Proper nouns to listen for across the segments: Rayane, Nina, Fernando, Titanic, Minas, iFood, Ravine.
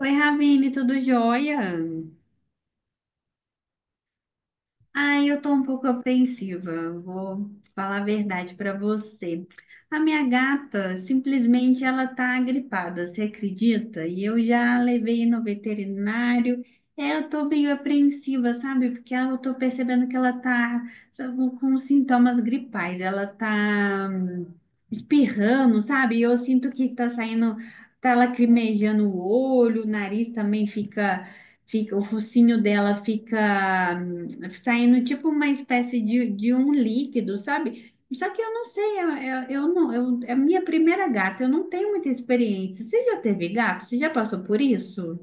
Oi, Ravine, tudo jóia? Ai, eu tô um pouco apreensiva, vou falar a verdade para você. A minha gata, simplesmente ela tá gripada, você acredita? E eu já levei no veterinário. É, eu tô meio apreensiva, sabe? Porque eu tô percebendo que ela tá sabe, com sintomas gripais, ela tá espirrando, sabe? E eu sinto que tá saindo, tá lacrimejando o olho, o nariz também fica, fica, o focinho dela fica saindo tipo uma espécie de um líquido, sabe? Só que eu não sei, eu não, eu, é a minha primeira gata, eu não tenho muita experiência. Você já teve gato? Você já passou por isso?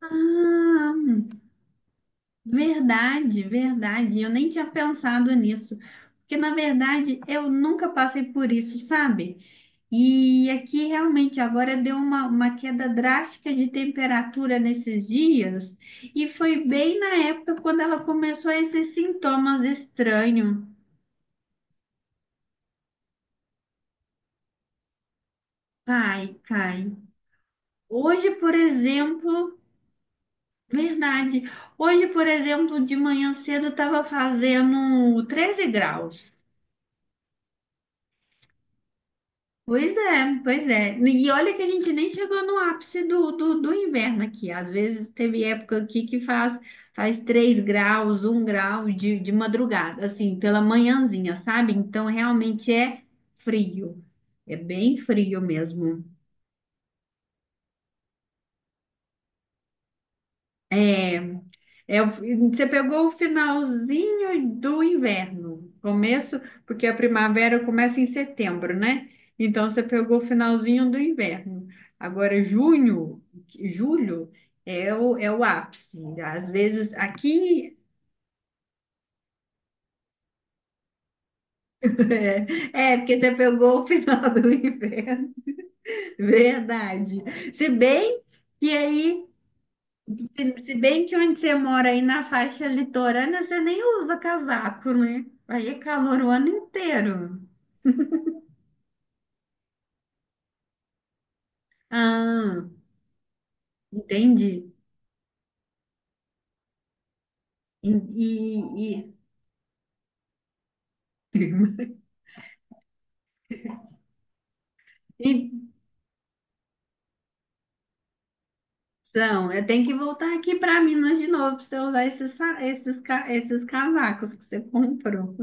Ah, verdade, verdade. Eu nem tinha pensado nisso, porque na verdade eu nunca passei por isso, sabe? E aqui realmente agora deu uma queda drástica de temperatura nesses dias, e foi bem na época quando ela começou a esses sintomas estranhos. Cai, cai. Hoje, por exemplo, verdade. Hoje, por exemplo, de manhã cedo estava fazendo 13 graus. Pois é, pois é. E olha que a gente nem chegou no ápice do inverno aqui. Às vezes teve época aqui que faz, faz 3 graus, um grau de madrugada, assim, pela manhãzinha, sabe? Então realmente é frio. É bem frio mesmo. É, é, o você pegou o finalzinho do inverno, começo, porque a primavera começa em setembro, né? Então você pegou o finalzinho do inverno. Agora, junho, julho é o ápice. Às vezes aqui é, porque você pegou o final do inverno. Verdade. Se bem que aí se bem que onde você mora aí na faixa litorânea, você nem usa casaco, né? Aí é calor o ano inteiro. Ah, entendi. E, e- e- então, eu tenho que voltar aqui para Minas de novo para você usar esses, sa- esses, ca- esses casacos que você comprou.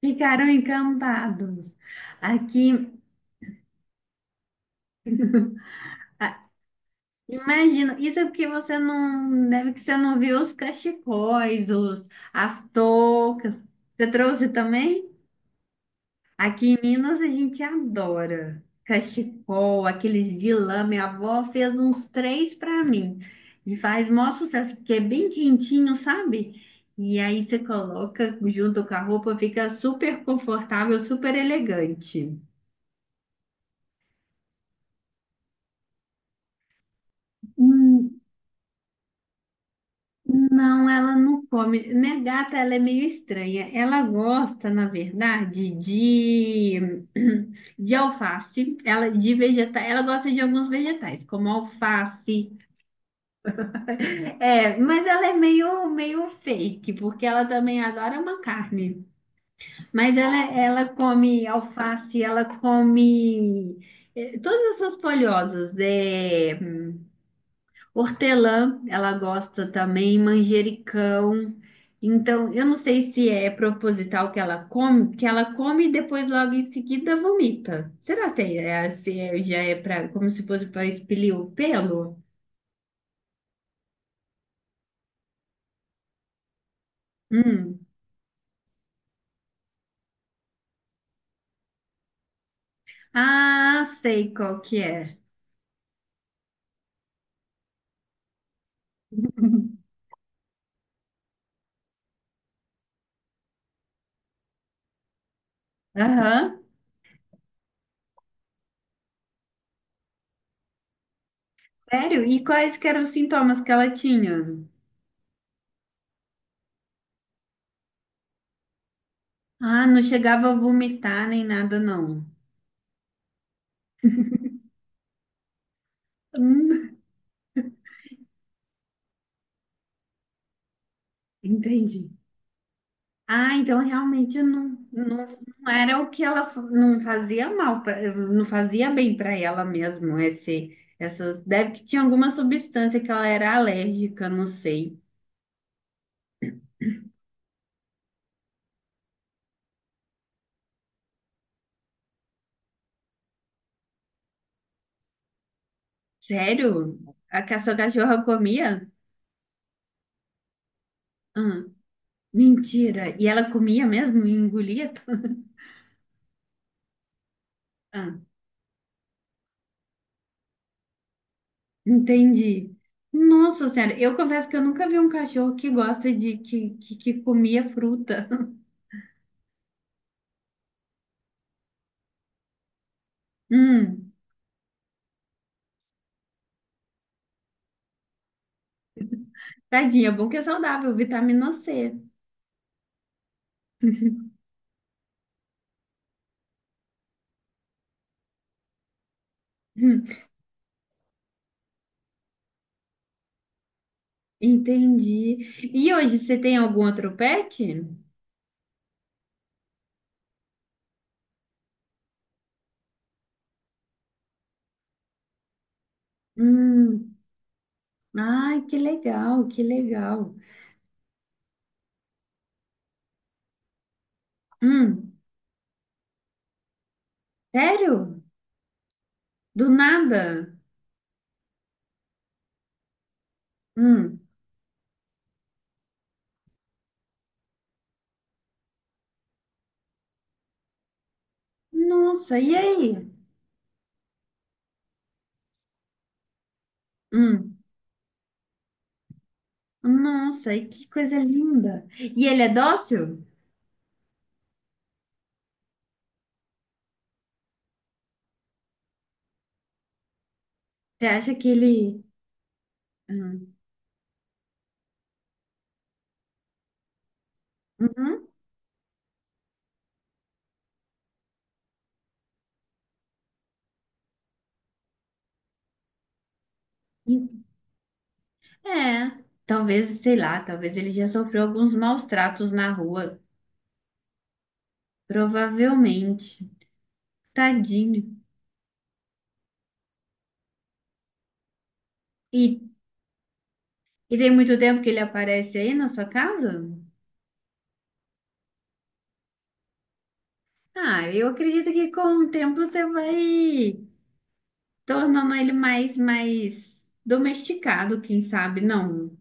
Ficaram encantados. Aqui, imagina, isso é porque você não, deve que você não viu os cachecóis, os, as toucas. Você trouxe também? Aqui em Minas a gente adora cachecol, aqueles de lã. Minha avó fez uns três para mim e faz maior sucesso, porque é bem quentinho, sabe? E aí você coloca junto com a roupa, fica super confortável, super elegante. Hum, Não, ela não come. Minha gata, ela é meio estranha. Ela gosta, na verdade, de, de alface, ela ela gosta de alguns vegetais, como alface. É, mas ela é meio, meio fake, porque ela também adora uma carne. Mas ela come alface, ela come todas essas folhosas. É, hortelã, ela gosta também, manjericão. Então, eu não sei se é proposital que ela come e depois logo em seguida vomita. Será se já é pra, como se fosse para expelir o pelo? Hum. Ah, sei qual que é. Aham. Sério? E quais que eram os sintomas que ela tinha? Ah, não chegava a vomitar nem nada, não. Hum, entendi. Ah, então realmente não era o que não fazia mal, não fazia bem para ela mesmo. Deve que tinha alguma substância que ela era alérgica, não sei. Sério? A que a sua cachorra comia? Ah, mentira. E ela comia mesmo e engolia? Tudo? Entendi. Nossa Senhora, eu confesso que eu nunca vi um cachorro que que comia fruta. Hum, tadinha, é bom que é saudável, vitamina C. Hum, entendi. E hoje você tem algum outro pet? Hum, ai, que legal, que legal. Hum, sério? Do nada? Hum, nossa, e aí? Hum, nossa, e que coisa linda. E ele é dócil? Você acha que ele. Hum, uhum. E- É, talvez, sei lá, talvez ele já sofreu alguns maus tratos na rua. Provavelmente. Tadinho. E, e tem muito tempo que ele aparece aí na sua casa? Ah, eu acredito que com o tempo você vai tornando ele mais, mais domesticado, quem sabe, não.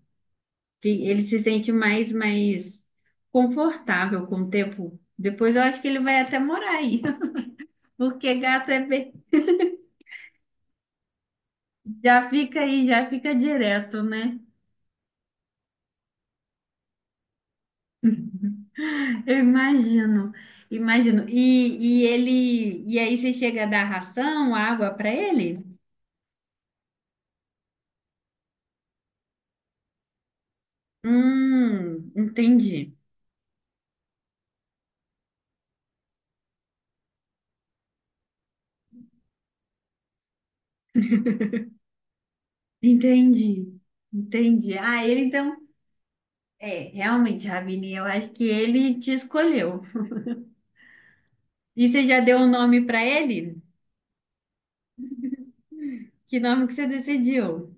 Que ele se sente mais, mais confortável com o tempo. Depois eu acho que ele vai até morar aí, porque gato é bem. Já fica aí, já fica direto, né? Eu imagino, imagino. E aí você chega a dar ração, água para ele? Entendi, entendi, entendi. Ah, ele então, é, realmente, Ravine, eu acho que ele te escolheu. E você já deu um nome para ele? Que nome que você decidiu?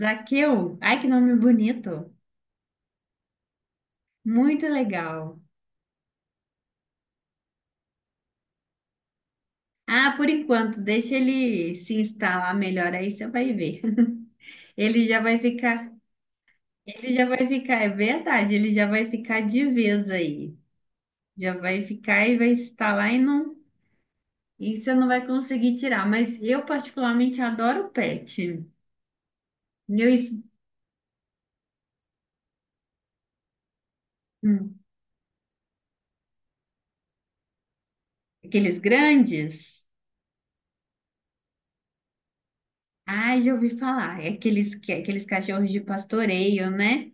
Zaqueu? Ai, que nome bonito. Muito legal. Ah, por enquanto, deixa ele se instalar melhor aí, você vai ver. Ele já vai ficar, ele já vai ficar, é verdade, ele já vai ficar de vez aí. Já vai ficar e vai estar lá e você não vai conseguir tirar. Mas eu particularmente adoro pet. Eu, es- hum, aqueles grandes, ai, já ouvi falar, é aqueles cachorros de pastoreio, né?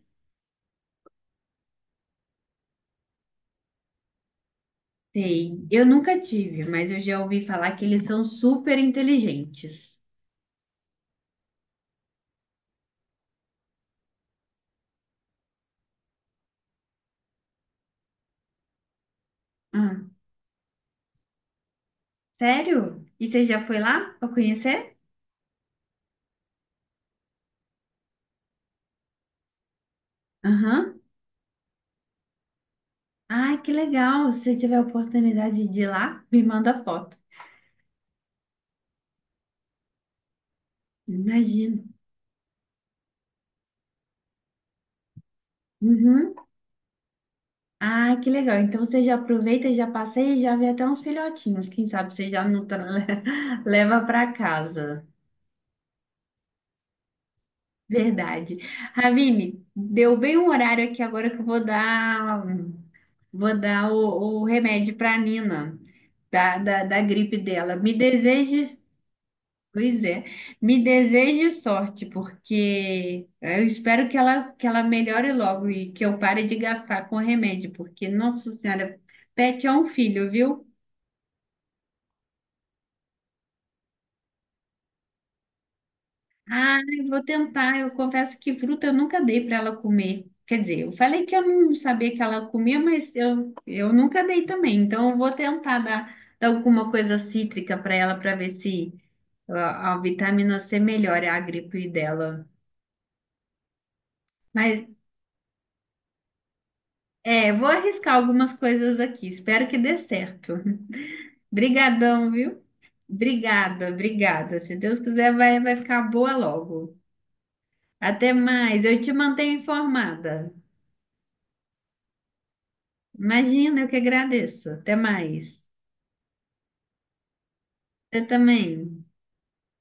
Sei. Eu nunca tive, mas eu já ouvi falar que eles são super inteligentes. Ah, sério? E você já foi lá para conhecer? Aham. Ai, que legal! Se você tiver a oportunidade de ir lá, me manda foto. Imagino. Uhum. Ai, que legal. Então você já aproveita, já passeia e já vê até uns filhotinhos. Quem sabe você já não tra- leva para casa. Verdade. Ravine, deu bem o horário aqui agora que vou dar o remédio para a Nina, da gripe dela. Me deseje. Pois é, me deseje sorte, porque eu espero que ela melhore logo e que eu pare de gastar com remédio, porque, nossa senhora, pet é um filho, viu? Ah, eu vou tentar, eu confesso que fruta eu nunca dei para ela comer. Quer dizer, eu falei que eu não sabia que ela comia, mas eu nunca dei também, então eu vou tentar dar alguma coisa cítrica para ela para ver se a vitamina C melhora a gripe dela. Mas é, vou arriscar algumas coisas aqui. Espero que dê certo. Brigadão, viu? Obrigada, obrigada. Se Deus quiser, vai ficar boa logo. Até mais. Eu te mantenho informada. Imagina, eu que agradeço. Até mais. Você também.